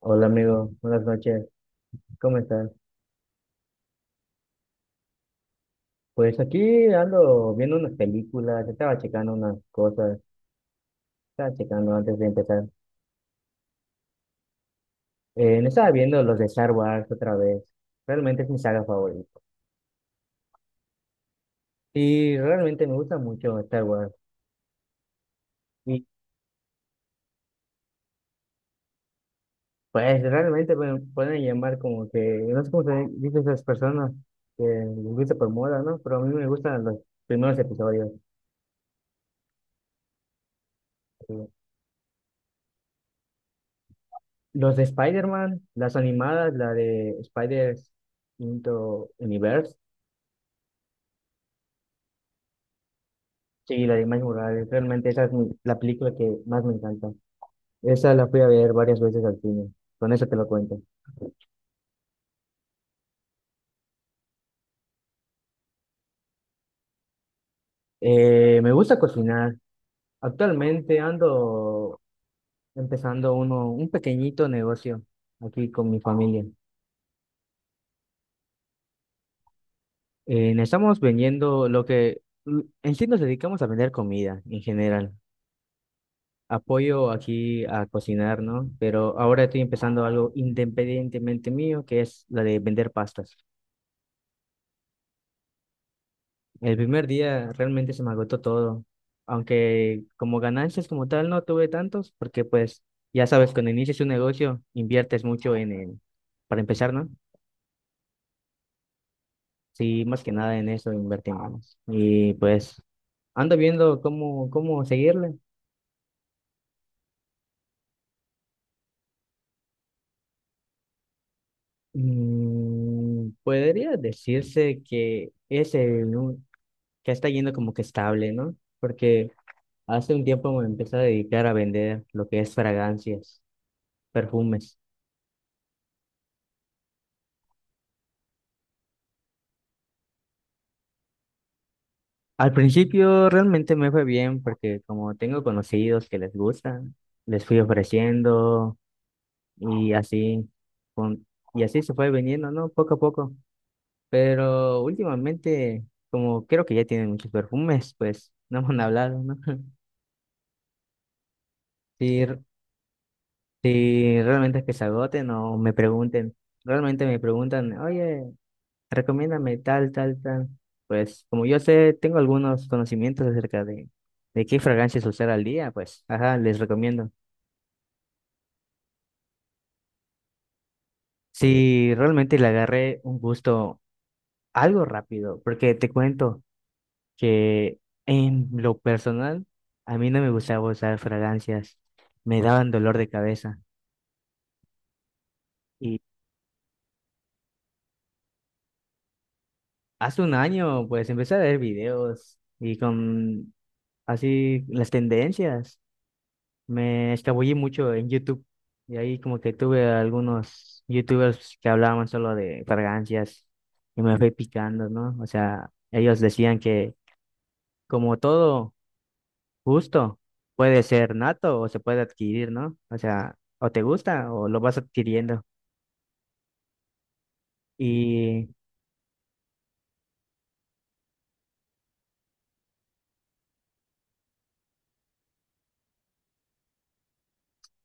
Hola amigo, buenas noches, ¿cómo estás? Pues aquí ando viendo unas películas, estaba checando unas cosas, estaba checando antes de empezar. Me estaba viendo los de Star Wars otra vez, realmente es mi saga favorita. Y realmente me gusta mucho Star Wars. Y pues realmente me pueden llamar no sé cómo se dice esas personas que les gusta por moda, ¿no? Pero a mí me gustan los primeros episodios. eh, Los de Spider-Man, las animadas, la de Spider's Into Universe. Sí, la de Miles Morales, realmente esa la película que más me encanta. Esa la fui a ver varias veces al cine, con eso te lo cuento. Me gusta cocinar. Actualmente ando empezando un pequeñito negocio aquí con mi familia. Estamos vendiendo en sí nos dedicamos a vender comida en general. Apoyo aquí a cocinar, ¿no? Pero ahora estoy empezando algo independientemente mío, que es la de vender pastas. El primer día realmente se me agotó todo, aunque como ganancias como tal no tuve tantos, porque pues ya sabes, cuando inicias un negocio inviertes mucho en el, para empezar, ¿no? Sí, más que nada en eso invertimos. Y pues ando viendo cómo seguirle. Mm, podría decirse que es que está yendo como que estable, ¿no? Porque hace un tiempo me empecé a dedicar a vender lo que es fragancias, perfumes. Al principio realmente me fue bien porque como tengo conocidos que les gusta, les fui ofreciendo y así con- y así se fue vendiendo, ¿no? Poco a poco. Pero últimamente, como creo que ya tienen muchos perfumes, pues no me han hablado, ¿no? Si, r- si realmente es que se agoten o me pregunten, realmente me preguntan, oye, recomiéndame tal, tal, tal. Pues como yo sé, tengo algunos conocimientos acerca de qué fragancias usar al día, pues, ajá, les recomiendo. Si realmente le agarré un gusto algo rápido, porque te cuento que en lo personal, a mí no me gustaba usar fragancias, me daban dolor de cabeza. Y hace un año, pues, empecé a ver videos y con así las tendencias. Me escabullí mucho en YouTube y ahí como que tuve algunos YouTubers que hablaban solo de fragancias y me fui picando, ¿no? O sea, ellos decían que como todo gusto puede ser nato o se puede adquirir, ¿no? O sea, o te gusta o lo vas adquiriendo. Y,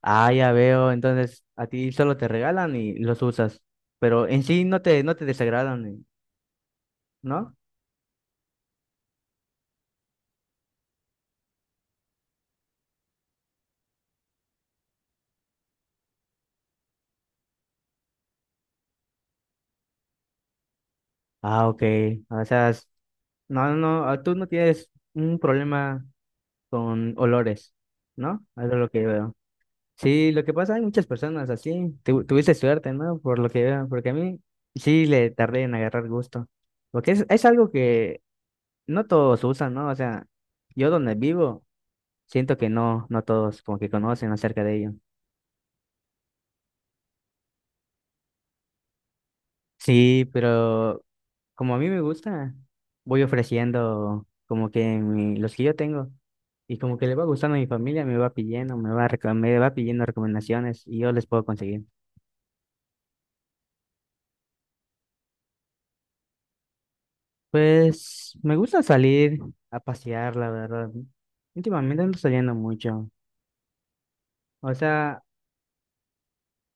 ya veo, entonces a ti solo te regalan y los usas, pero en sí no te desagradan, ¿no? Ah, ok. O sea, s- no, Tú no tienes un problema con olores, ¿no? Eso es lo que veo. Sí, lo que pasa, hay muchas personas así. Tuviste suerte, ¿no? Por lo que veo, porque a mí sí le tardé en agarrar gusto. Porque es algo que no todos usan, ¿no? O sea, yo donde vivo, siento que no todos como que conocen acerca de ello. Sí, pero como a mí me gusta, voy ofreciendo como que los que yo tengo y como que le va gustando a mi familia, me va pidiendo, me va pidiendo recomendaciones y yo les puedo conseguir. Pues me gusta salir a pasear, la verdad. Últimamente ando saliendo mucho. O sea,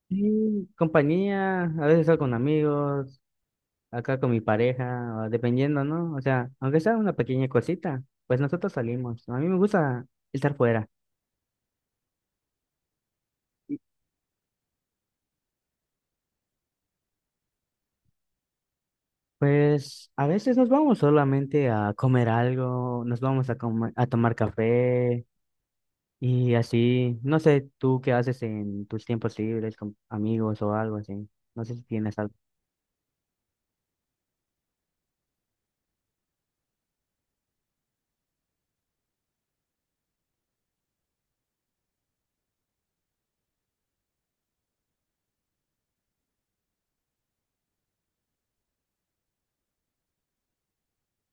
sí, compañía, a veces salgo con amigos, acá con mi pareja, o dependiendo, ¿no? O sea, aunque sea una pequeña cosita, pues nosotros salimos. A mí me gusta estar fuera. Pues a veces nos vamos solamente a comer algo, nos vamos a tomar café y así. No sé tú qué haces en tus tiempos libres con amigos o algo así. No sé si tienes algo.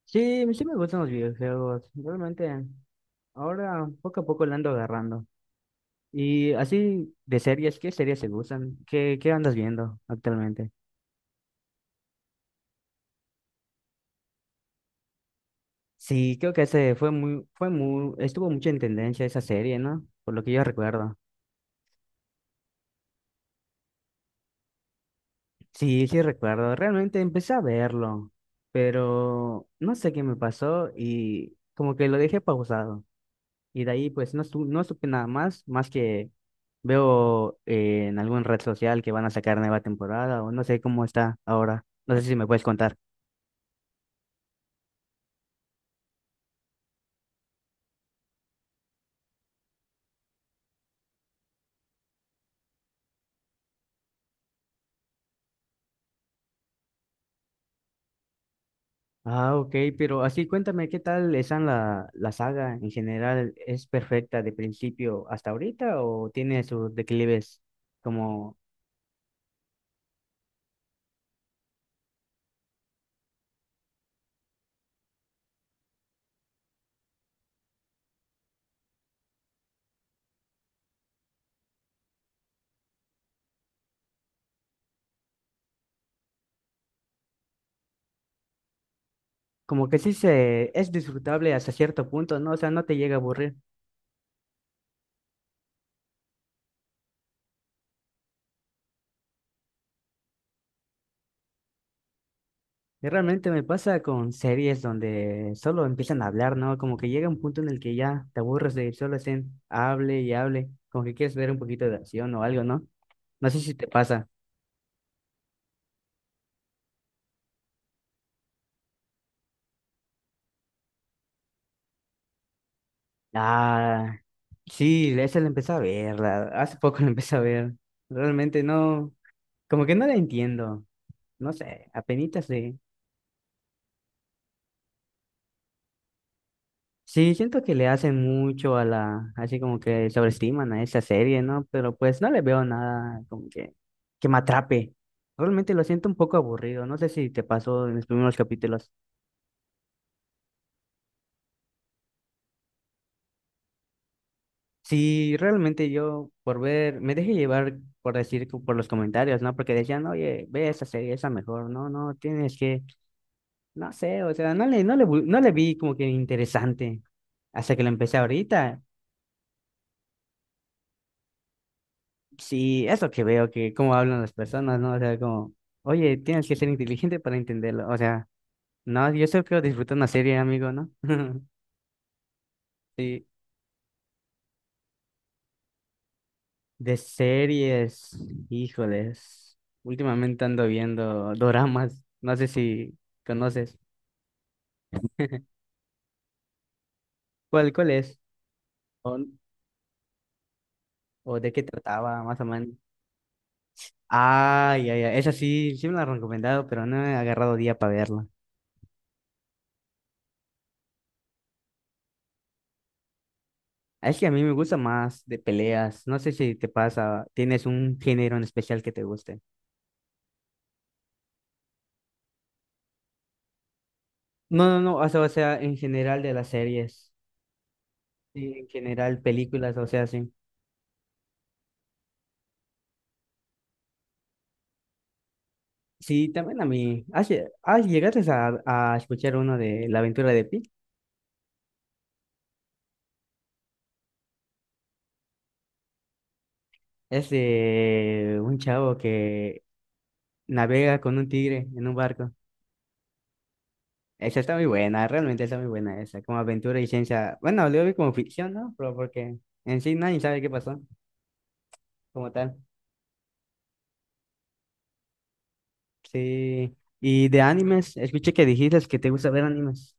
Sí, sí me gustan los videojuegos. Realmente ahora poco a poco le ando agarrando. Y así de series, ¿qué series te gustan? Qué andas viendo actualmente? Sí, creo que ese fue muy, estuvo mucho en tendencia esa serie, ¿no? Por lo que yo recuerdo. Sí, sí recuerdo. Realmente empecé a verlo, pero no sé qué me pasó y como que lo dejé pausado. Y de ahí pues no supe nada más, más que veo en algún red social que van a sacar nueva temporada o no sé cómo está ahora. No sé si me puedes contar. Ah, ok, pero así cuéntame qué tal está la saga en general. ¿Es perfecta de principio hasta ahorita o tiene sus declives como como que sí se es disfrutable hasta cierto punto, ¿no? O sea, no te llega a aburrir. Y realmente me pasa con series donde solo empiezan a hablar, ¿no? Como que llega un punto en el que ya te aburres de solo estén hable y hable, como que quieres ver un poquito de acción o algo, ¿no? No sé si te pasa. Ah, sí, esa la empecé a ver, hace poco la empecé a ver. Realmente no, como que no la entiendo, no sé, apenitas. Sí, siento que le hacen mucho a la, así como que sobreestiman a esa serie, ¿no? Pero pues no le veo nada que me atrape. Realmente lo siento un poco aburrido, no sé si te pasó en los primeros capítulos. Sí, realmente yo por ver, me dejé llevar por por los comentarios, ¿no? Porque decían, oye, ve esa serie, esa mejor, no, no, tienes que, no sé, o sea, no le vi como que interesante hasta que lo empecé ahorita. Sí, eso que veo, que cómo hablan las personas, ¿no? O sea, como, oye, tienes que ser inteligente para entenderlo. O sea, no, yo solo quiero disfrutar una serie, amigo, ¿no? Sí, de series, híjoles. Últimamente ando viendo doramas, no sé si conoces. Cuál es? ¿O, o de qué trataba, más o menos? Ay, ay, ay, esa sí, sí me la han recomendado, pero no he agarrado día para verla. Es que a mí me gusta más de peleas. No sé si te pasa, tienes un género en especial que te guste. No, no, no, o sea, en general de las series, sí, en general películas, o sea, sí. Sí, también a mí. Llegaste a escuchar uno de La aventura de Pi? Es de un chavo que navega con un tigre en un barco. Esa está muy buena, realmente está muy buena esa, como aventura y ciencia. Bueno, lo vi como ficción, ¿no? Pero porque en sí nadie sabe qué pasó como tal. Sí, y de animes, escuché que dijiste que te gusta ver animes.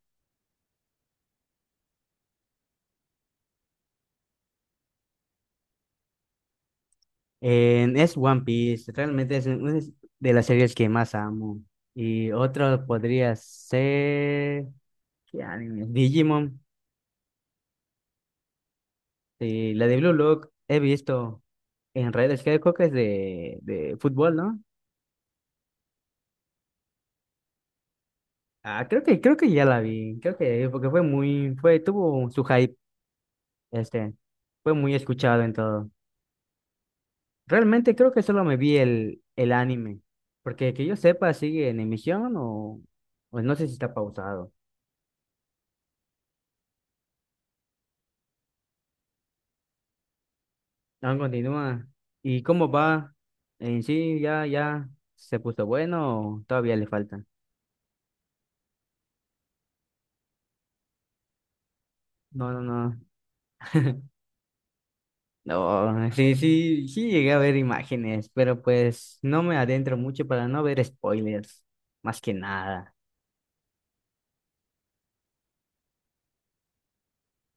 Es One Piece, realmente es una es de las series que más amo. Y otro podría ser... ¿Qué anime? Digimon. Sí, la de Blue Lock he visto en redes, creo que es de fútbol, ¿no? Ah, creo que ya la vi, creo que porque tuvo su hype, este, fue muy escuchado en todo. Realmente creo que solo me vi el anime, porque que yo sepa sigue en emisión o pues no sé si está pausado. Aún continúa. ¿Y cómo va? En sí, ya se puso bueno o todavía le falta. No, no, no. No, sí llegué a ver imágenes, pero pues no me adentro mucho para no ver spoilers, más que nada.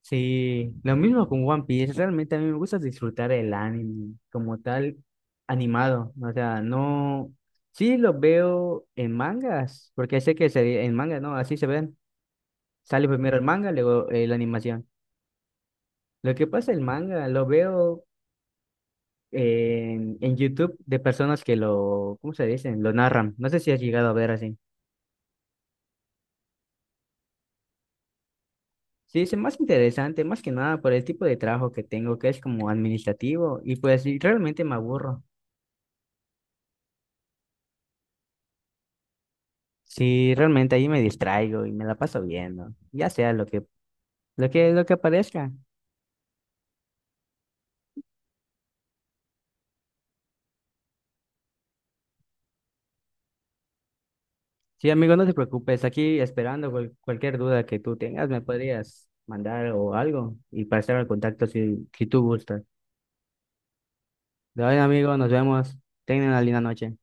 Sí, lo mismo con One Piece. Realmente a mí me gusta disfrutar el anime como tal animado. O sea, no. Sí, lo veo en mangas, porque en manga, ¿no? Así se ven. Sale primero el manga, luego la animación. Lo que pasa, el manga lo veo en YouTube de personas que lo, ¿cómo se dicen? Lo narran. No sé si has llegado a ver así. Sí, es más interesante, más que nada por el tipo de trabajo que tengo, que es como administrativo, y pues sí, realmente me aburro. Sí, realmente ahí me distraigo y me la paso viendo, ya sea lo que aparezca. Sí, amigo, no te preocupes, aquí esperando cualquier duda que tú tengas, me podrías mandar o algo y para estar al contacto si, si tú gustas. De hoy, amigo, nos vemos. Tengan una linda noche.